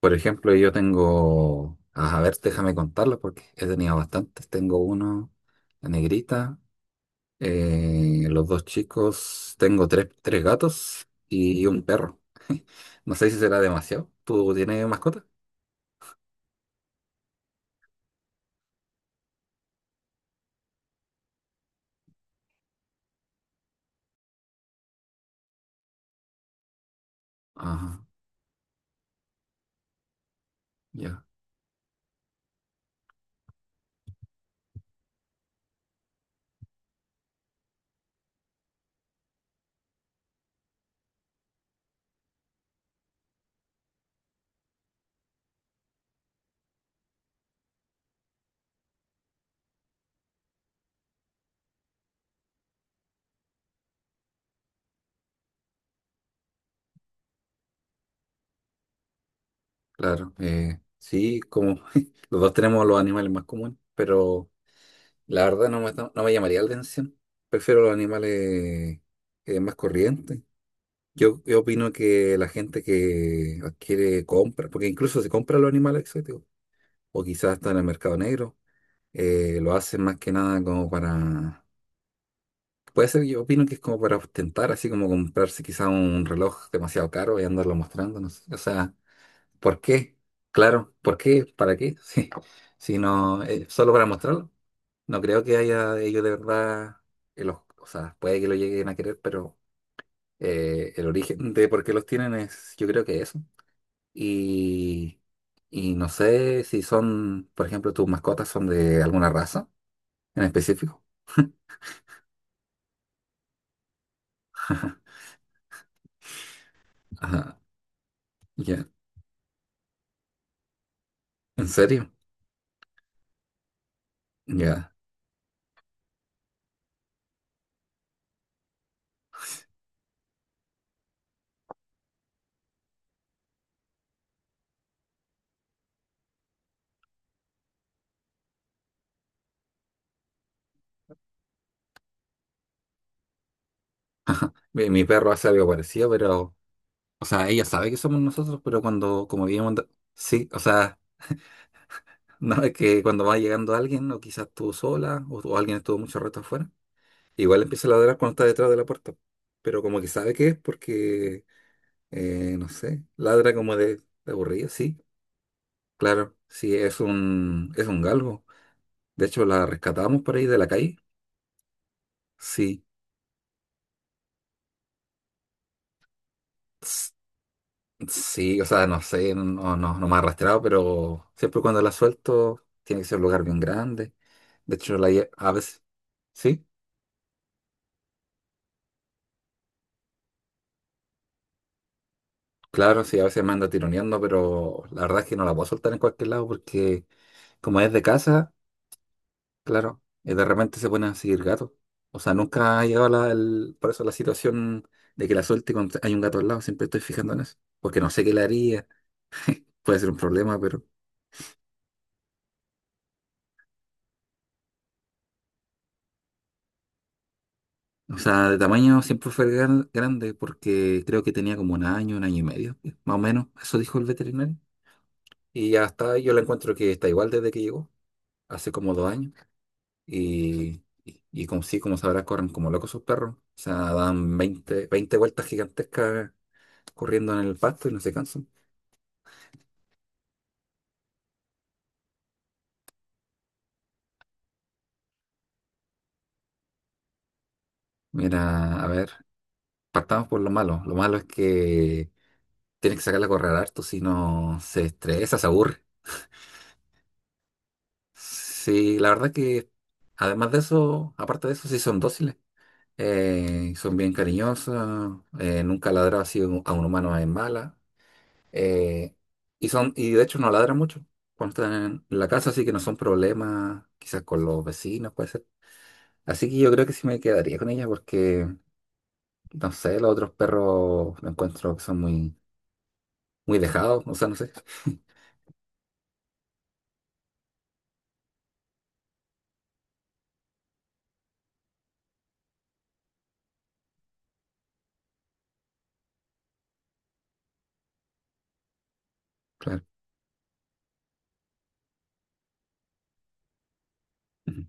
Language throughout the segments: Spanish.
Por ejemplo, yo tengo, a ver, déjame contarlos porque he tenido bastantes. Tengo uno, la negrita, los dos chicos, tengo tres gatos y un perro. No sé si será demasiado. ¿Tú tienes mascota? Ajá, ya, claro. Sí, como los dos tenemos los animales más comunes, pero la verdad no me llamaría la atención. Prefiero los animales más corrientes. Yo opino que la gente que adquiere compra, porque incluso se compra los animales exóticos, o quizás está en el mercado negro, lo hacen más que nada como para, puede ser, yo opino que es como para ostentar, así como comprarse quizás un reloj demasiado caro y andarlo mostrando, no sé. O sea, ¿por qué? Claro, ¿por qué? ¿Para qué? Sí. Si no, solo para mostrarlo. No creo que haya ellos de verdad, o sea, puede que lo lleguen a querer, pero el origen de por qué los tienen es, yo creo que eso. Y, y no sé si son, por ejemplo, tus mascotas son de alguna raza en específico. Ajá, ya, ¿en serio? Ya. Mi perro hace algo parecido, pero, o sea, ella sabe que somos nosotros, pero cuando, como vivimos, en sí, o sea, no es que cuando va llegando alguien, o quizás tú sola, o alguien estuvo mucho rato afuera, igual empieza a ladrar cuando está detrás de la puerta, pero como que sabe que es porque, no sé, ladra como de aburrido, sí. Claro, sí, es un galgo. De hecho, la rescatamos por ahí de la calle. Sí, s- sí, o sea, no sé, no, no, no me ha arrastrado, pero siempre cuando la suelto tiene que ser un lugar bien grande. De hecho, a veces, sí, claro, sí, a veces me anda tironeando, pero la verdad es que no la puedo soltar en cualquier lado porque como es de casa, claro, y de repente se ponen a seguir gatos. O sea, nunca ha llegado por eso la situación de que la suelte cuando hay un gato al lado, siempre estoy fijando en eso, porque no sé qué le haría puede ser un problema, pero... O sea, de tamaño siempre fue grande porque creo que tenía como 1 año, 1 año y medio, más o menos. Eso dijo el veterinario. Y ya está, yo la encuentro que está igual desde que llegó, hace como 2 años. Y como sí, como sabrás, corren como locos sus perros. O sea, dan veinte vueltas gigantescas corriendo en el pasto y no se cansan. Mira, a ver, partamos por lo malo. Lo malo es que tienes que sacarla a correr harto, si no se estresa, se aburre. Sí, la verdad que además de eso, aparte de eso, sí son dóciles, son bien cariñosas, nunca ladran así a un humano en mala, eh, y son, y de hecho no ladran mucho cuando están en la casa, así que no son problemas, quizás con los vecinos puede ser. Así que yo creo que sí me quedaría con ella porque, no sé, los otros perros lo encuentro que son muy, muy dejados, o sea, no sé. Claro. Ujú.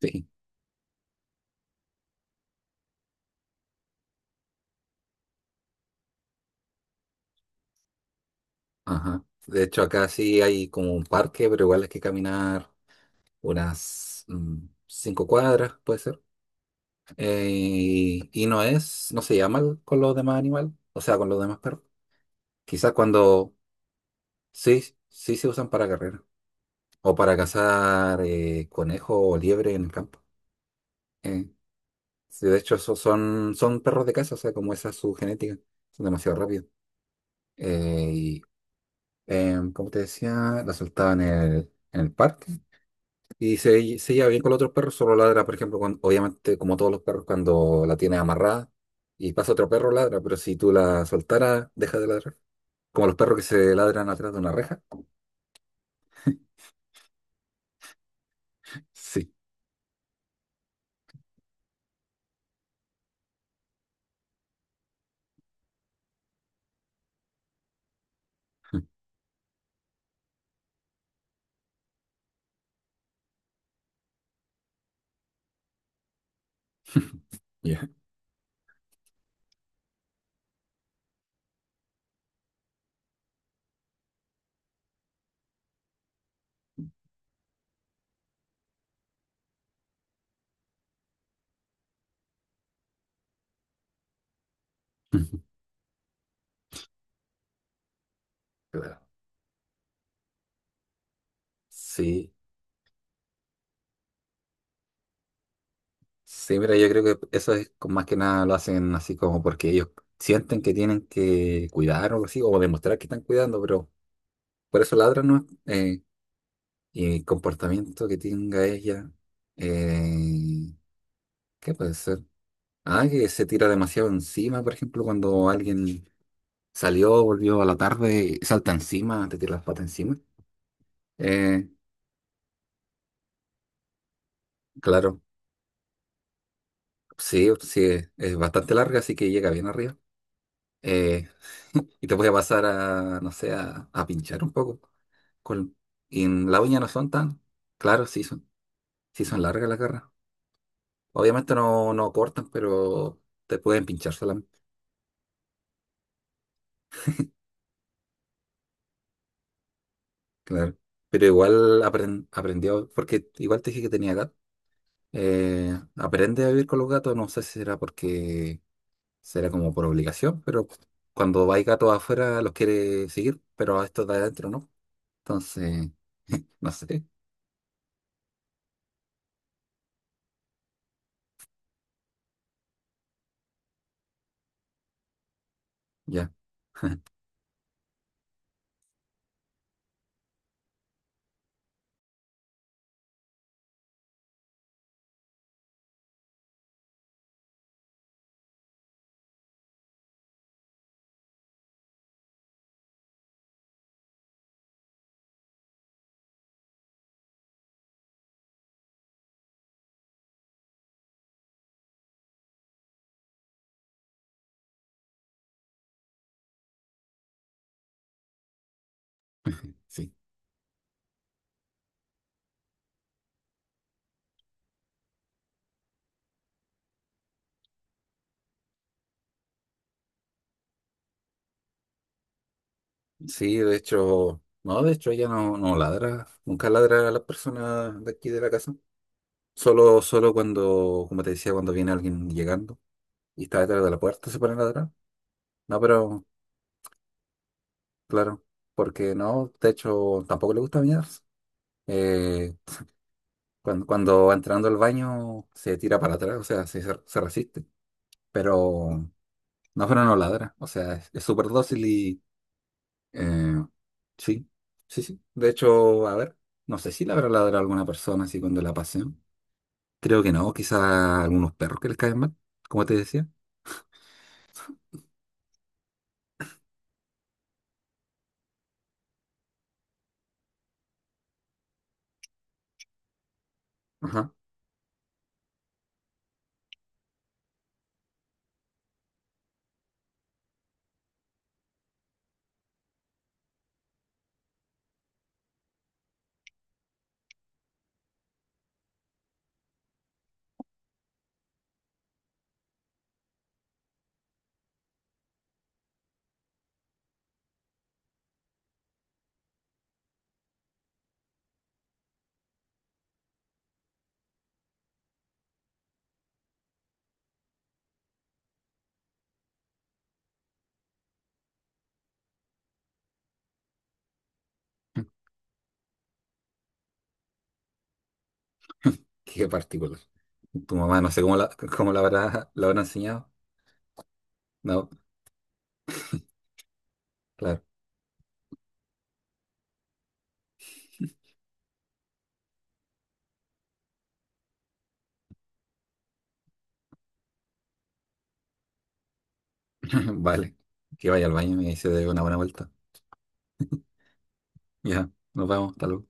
Sí, ajá. De hecho, acá sí hay como un parque, pero igual hay que caminar unas 5 cuadras, puede ser. Y no es, no se llama con los demás animales, o sea, con los demás perros. Quizás cuando sí, sí se usan para carrera o para cazar conejo o liebre en el campo. Eh, sí, de hecho, esos son, son perros de caza, o sea, como esa es su genética, son demasiado rápidos. Eh, y, Como te decía, la soltaba en el parque. Y se lleva bien con los otros perros, solo ladra, por ejemplo, obviamente, como todos los perros, cuando la tienes amarrada y pasa otro perro, ladra, pero si tú la soltaras, deja de ladrar. Como los perros que se ladran atrás de una reja. Sí. Ya. Claro. Sí. Sí, mira, yo creo que eso es más que nada lo hacen así como porque ellos sienten que tienen que cuidar o algo así, o demostrar que están cuidando, pero por eso ladran, ¿no? Y el comportamiento que tenga ella, eh, ¿qué puede ser? Ah, que se tira demasiado encima, por ejemplo, cuando alguien salió, volvió a la tarde y salta encima, te tira las patas encima. Eh, claro, sí, sí, es bastante larga, así que llega bien arriba. Eh, y te puede pasar a, no sé, a, pinchar un poco. Con, y en la uña no son tan, claro, sí son largas las garras. Obviamente no cortan, pero te pueden pinchar solamente, claro. Pero igual aprendió, porque igual te dije que tenía gato. Aprende a vivir con los gatos, no sé si será porque será como por obligación, pero cuando hay gatos afuera los quiere seguir, pero a estos de adentro no. Entonces, no sé, ya, sí. Sí, de hecho, no, de hecho ella no ladra, nunca ladra a las personas de aquí de la casa. Solo cuando, como te decía, cuando viene alguien llegando y está detrás de la puerta se pone a ladrar. No, pero claro, porque no, de hecho tampoco le gusta bañarse. Eh, cuando va entrando al baño se tira para atrás, o sea, se resiste, pero no, pero no ladra, o sea, es súper dócil y eh, sí, sí, sí. De hecho, a ver, no sé si le habrá ladrado a alguna persona así cuando la pasean. Creo que no, quizá algunos perros que les caen mal, como te decía. Ajá, qué particular. Tu mamá no sé cómo la, cómo la habrá enseñado. No, claro, vale, que vaya al baño y ahí se dé una buena vuelta. Ya, nos vemos, hasta luego.